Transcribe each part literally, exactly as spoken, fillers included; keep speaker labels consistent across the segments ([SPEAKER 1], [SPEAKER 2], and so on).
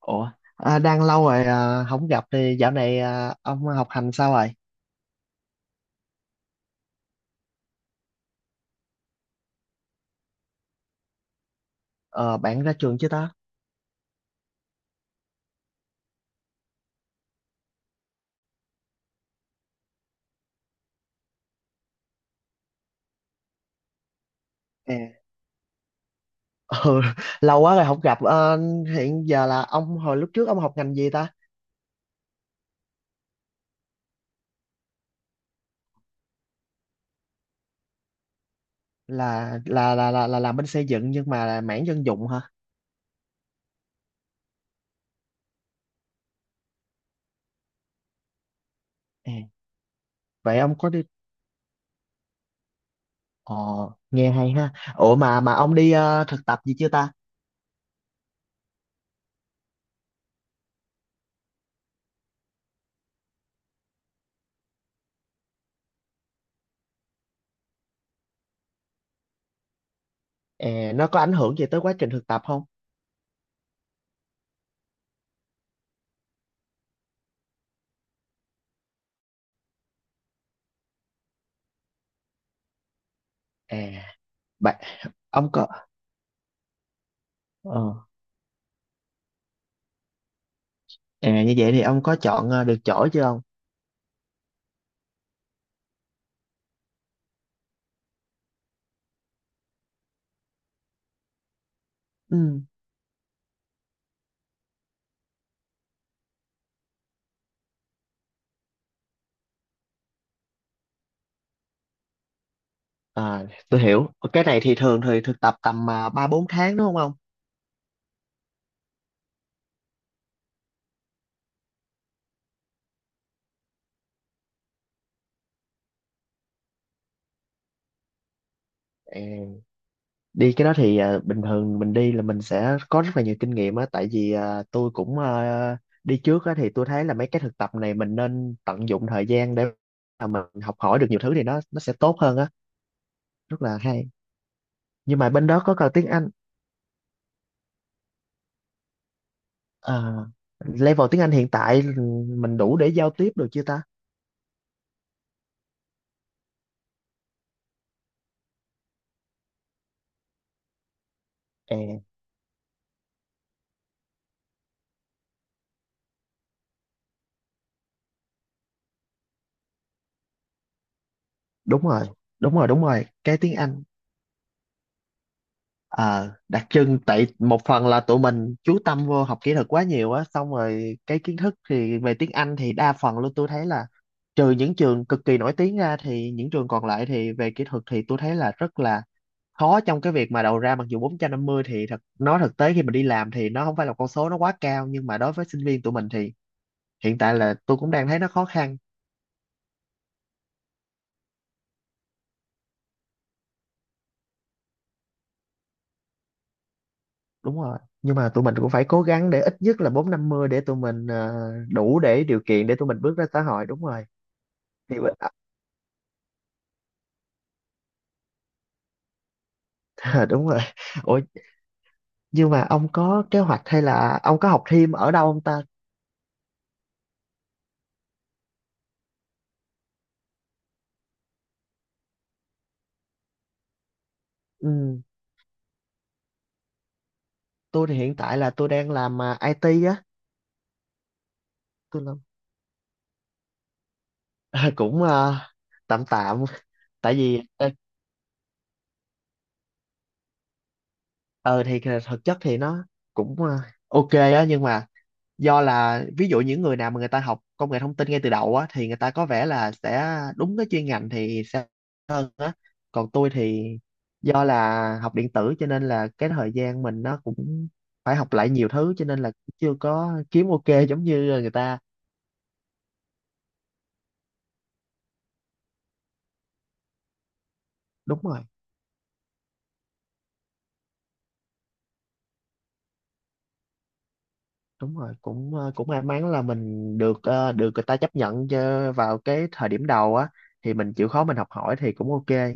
[SPEAKER 1] Ủa, à, đang lâu rồi à, không gặp thì dạo này à, ông học hành sao rồi? Ờ, bạn ra trường chưa ta? À. Ừ, lâu quá rồi không gặp. Ờ, hiện giờ là ông hồi lúc trước ông học ngành gì ta? Là là là là, là làm bên xây dựng nhưng mà là mảng dân dụng hả? À, vậy ông có đi? Ờ, nghe hay ha. Ủa mà mà ông đi ờ, thực tập gì chưa ta? À, nó có ảnh hưởng gì tới quá trình thực tập không? À, bạn ông có ờ, à, như vậy thì ông có chọn ờ, được chỗ chưa ông? Ừ. À, tôi hiểu. Cái này thì thường thì thực tập tầm à, ba bốn tháng đúng không ông? À, đi cái đó thì à, bình thường mình đi là mình sẽ có rất là nhiều kinh nghiệm á, tại vì à, tôi cũng à, đi trước á thì tôi thấy là mấy cái thực tập này mình nên tận dụng thời gian để mà mình học hỏi được nhiều thứ thì nó nó sẽ tốt hơn á, rất là hay. Nhưng mà bên đó có cần tiếng Anh, à, level tiếng Anh hiện tại mình đủ để giao tiếp được chưa ta? À, đúng rồi, đúng rồi, đúng rồi, cái tiếng Anh. Ờ, đặc trưng tại một phần là tụi mình chú tâm vô học kỹ thuật quá nhiều á xong rồi cái kiến thức thì về tiếng Anh thì đa phần luôn tôi thấy là trừ những trường cực kỳ nổi tiếng ra thì những trường còn lại thì về kỹ thuật thì tôi thấy là rất là khó trong cái việc mà đầu ra mặc dù bốn trăm năm mươi thì thật nói thực tế khi mình đi làm thì nó không phải là con số nó quá cao nhưng mà đối với sinh viên tụi mình thì hiện tại là tôi cũng đang thấy nó khó khăn. Đúng rồi nhưng mà tụi mình cũng phải cố gắng để ít nhất là bốn năm mươi để tụi mình ờ, đủ để điều kiện để tụi mình bước ra xã hội đúng rồi thì Ờ, đúng rồi. Ủa, nhưng mà ông có kế hoạch hay là ông có học thêm ở đâu ông ta? Ừ, tôi thì hiện tại là tôi đang làm à, i tê á. Tôi làm, Ờ, cũng à, tạm tạm. Tại vì ờ ờ, thì thực chất thì nó cũng à, ok á nhưng mà do là ví dụ những người nào mà người ta học công nghệ thông tin ngay từ đầu á thì người ta có vẻ là sẽ đúng cái chuyên ngành thì sẽ hơn á còn tôi thì do là học điện tử cho nên là cái thời gian mình nó cũng phải học lại nhiều thứ cho nên là chưa có kiếm ok giống như người ta. Đúng rồi đúng rồi cũng ờ, cũng may mắn là mình được ờ, được người ta chấp nhận cho vào cái thời điểm đầu á thì mình chịu khó mình học hỏi thì cũng ok.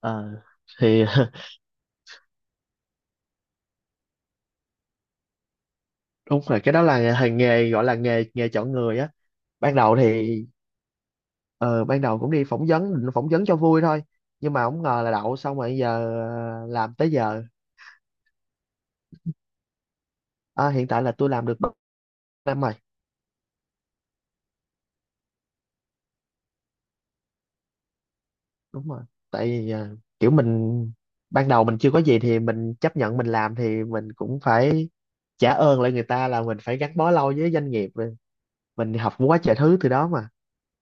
[SPEAKER 1] Ờ, thì đúng rồi cái đó là nghề nghề gọi là nghề nghề chọn người á. Ban đầu thì ờ, ban đầu cũng đi phỏng vấn định phỏng vấn cho vui thôi nhưng mà không ngờ là đậu xong rồi giờ ờ, làm tới giờ. à, hiện tại là tôi làm được ba năm rồi đúng rồi tại vì ờ, kiểu mình ban đầu mình chưa có gì thì mình chấp nhận mình làm thì mình cũng phải trả ơn lại người ta là mình phải gắn bó lâu với doanh nghiệp mình học quá trời thứ từ đó mà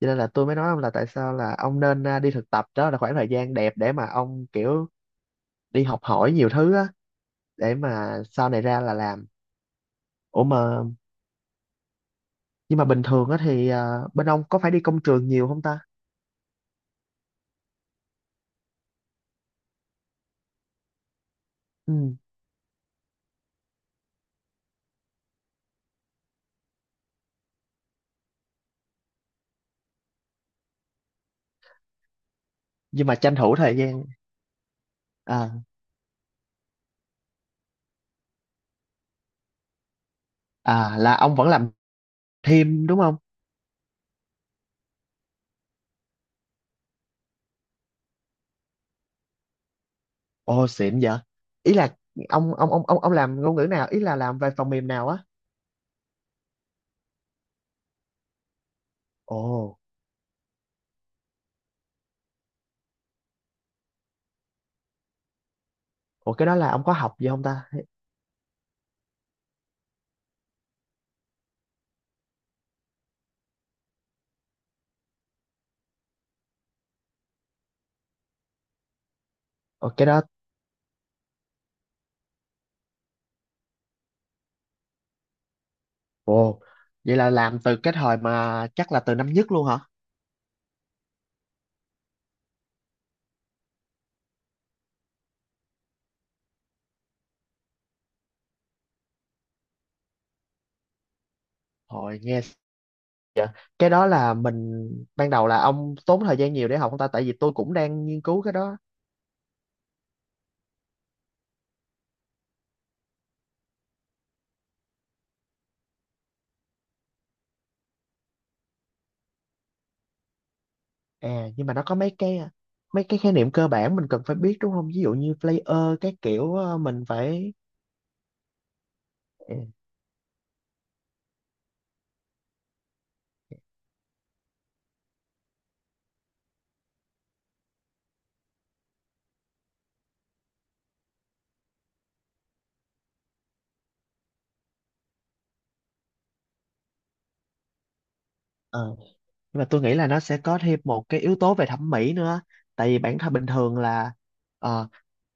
[SPEAKER 1] cho nên là tôi mới nói ông là tại sao là ông nên à, đi thực tập đó là khoảng thời gian đẹp để mà ông kiểu đi học hỏi nhiều thứ á để mà sau này ra là làm. Ủa mà nhưng mà bình thường á thì à, bên ông có phải đi công trường nhiều không ta? Ừ. Nhưng mà tranh thủ thời gian. à à là ông vẫn làm thêm đúng không? Ồ xịn vậy. Ý là ông ông ông ông ông làm ngôn ngữ nào, ý là làm về phần mềm nào á? Ồ. Ồ cái đó là ông có học gì không ta? Ồ cái đó. Ồ vậy là làm từ cái thời mà chắc là từ năm nhất luôn hả? Hồi nghe. Dạ. Cái đó là mình ban đầu là ông tốn thời gian nhiều để học không ta, tại vì tôi cũng đang nghiên cứu cái đó. À nhưng mà nó có mấy cái mấy cái khái niệm cơ bản mình cần phải biết đúng không? Ví dụ như player các kiểu ờ, mình phải. ờ ờ, nhưng mà tôi nghĩ là nó sẽ có thêm một cái yếu tố về thẩm mỹ nữa. Tại vì bản thân bình thường là ờ,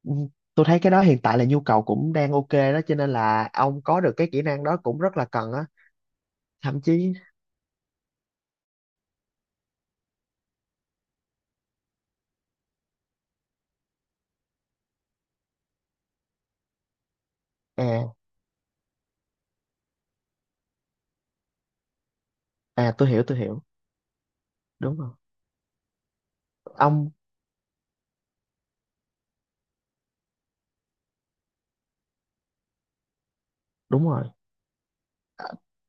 [SPEAKER 1] ừ, tôi thấy cái đó hiện tại là nhu cầu cũng đang ok đó cho nên là ông có được cái kỹ năng đó cũng rất là cần á. Thậm chí à à tôi hiểu tôi hiểu. Đúng rồi. Ông đúng rồi.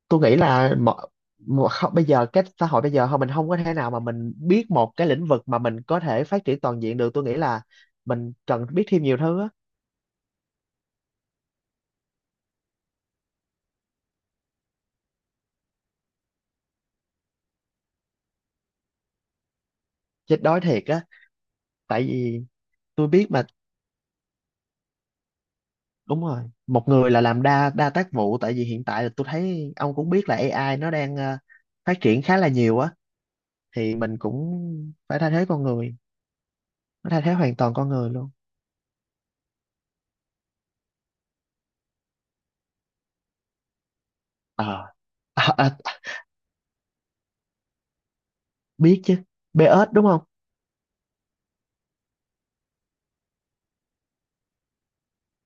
[SPEAKER 1] Tôi nghĩ là mọi, mọi, không, bây giờ cái xã hội bây giờ không mình không có thể nào mà mình biết một cái lĩnh vực mà mình có thể phát triển toàn diện được, tôi nghĩ là mình cần biết thêm nhiều thứ á. Chết đói thiệt á. Tại vì tôi biết mà. Đúng rồi, một người là làm đa đa tác vụ, tại vì hiện tại là tôi thấy ông cũng biết là a i nó đang ờ, phát triển khá là nhiều á. Thì mình cũng phải thay thế con người, nó thay thế hoàn toàn con người luôn. ờ à, à, biết chứ bê ét đúng không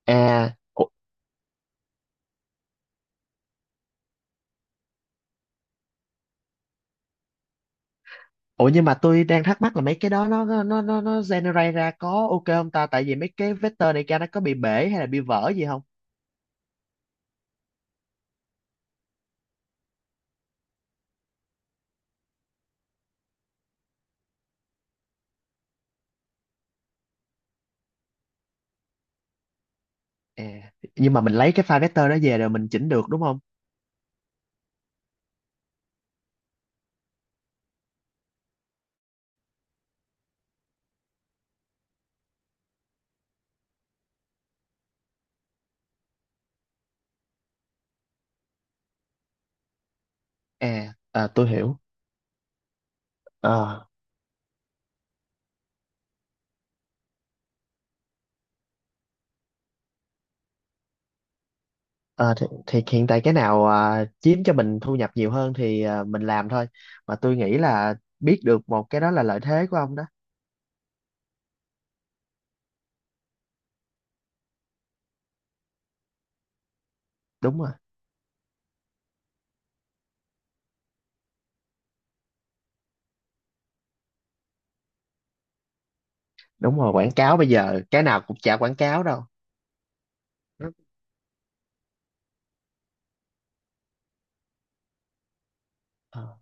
[SPEAKER 1] à? Ủa nhưng mà tôi đang thắc mắc là mấy cái đó nó nó nó nó generate ra có ok không ta? Tại vì mấy cái vector này ra nó có bị bể hay là bị vỡ gì không? À, nhưng mà mình lấy cái file vector đó về rồi mình chỉnh được đúng không? À, à tôi hiểu. Ờ, ờ, thì, thì hiện tại cái nào à, chiếm cho mình thu nhập nhiều hơn thì à, mình làm thôi. Mà tôi nghĩ là biết được một cái đó là lợi thế của ông đó. Đúng rồi, đúng rồi. Quảng cáo bây giờ cái nào cũng chả quảng cáo đâu. Đúng. Ờ,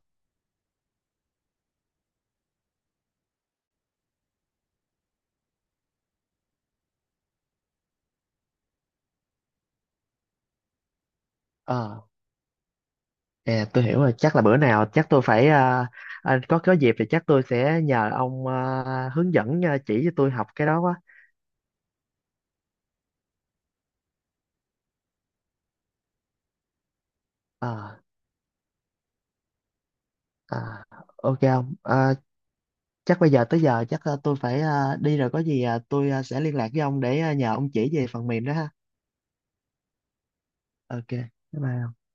[SPEAKER 1] ờ. À, tôi hiểu rồi, chắc là bữa nào chắc tôi phải à, à, có có dịp thì chắc tôi sẽ nhờ ông à, hướng dẫn à, chỉ cho tôi học cái đó quá. Ờ, à, ok ông. À, chắc bây giờ tới giờ chắc à, tôi phải à, đi rồi có gì à, tôi à, sẽ liên lạc với ông để à, nhờ ông chỉ về phần mềm đó ha. Ok. Bye bye.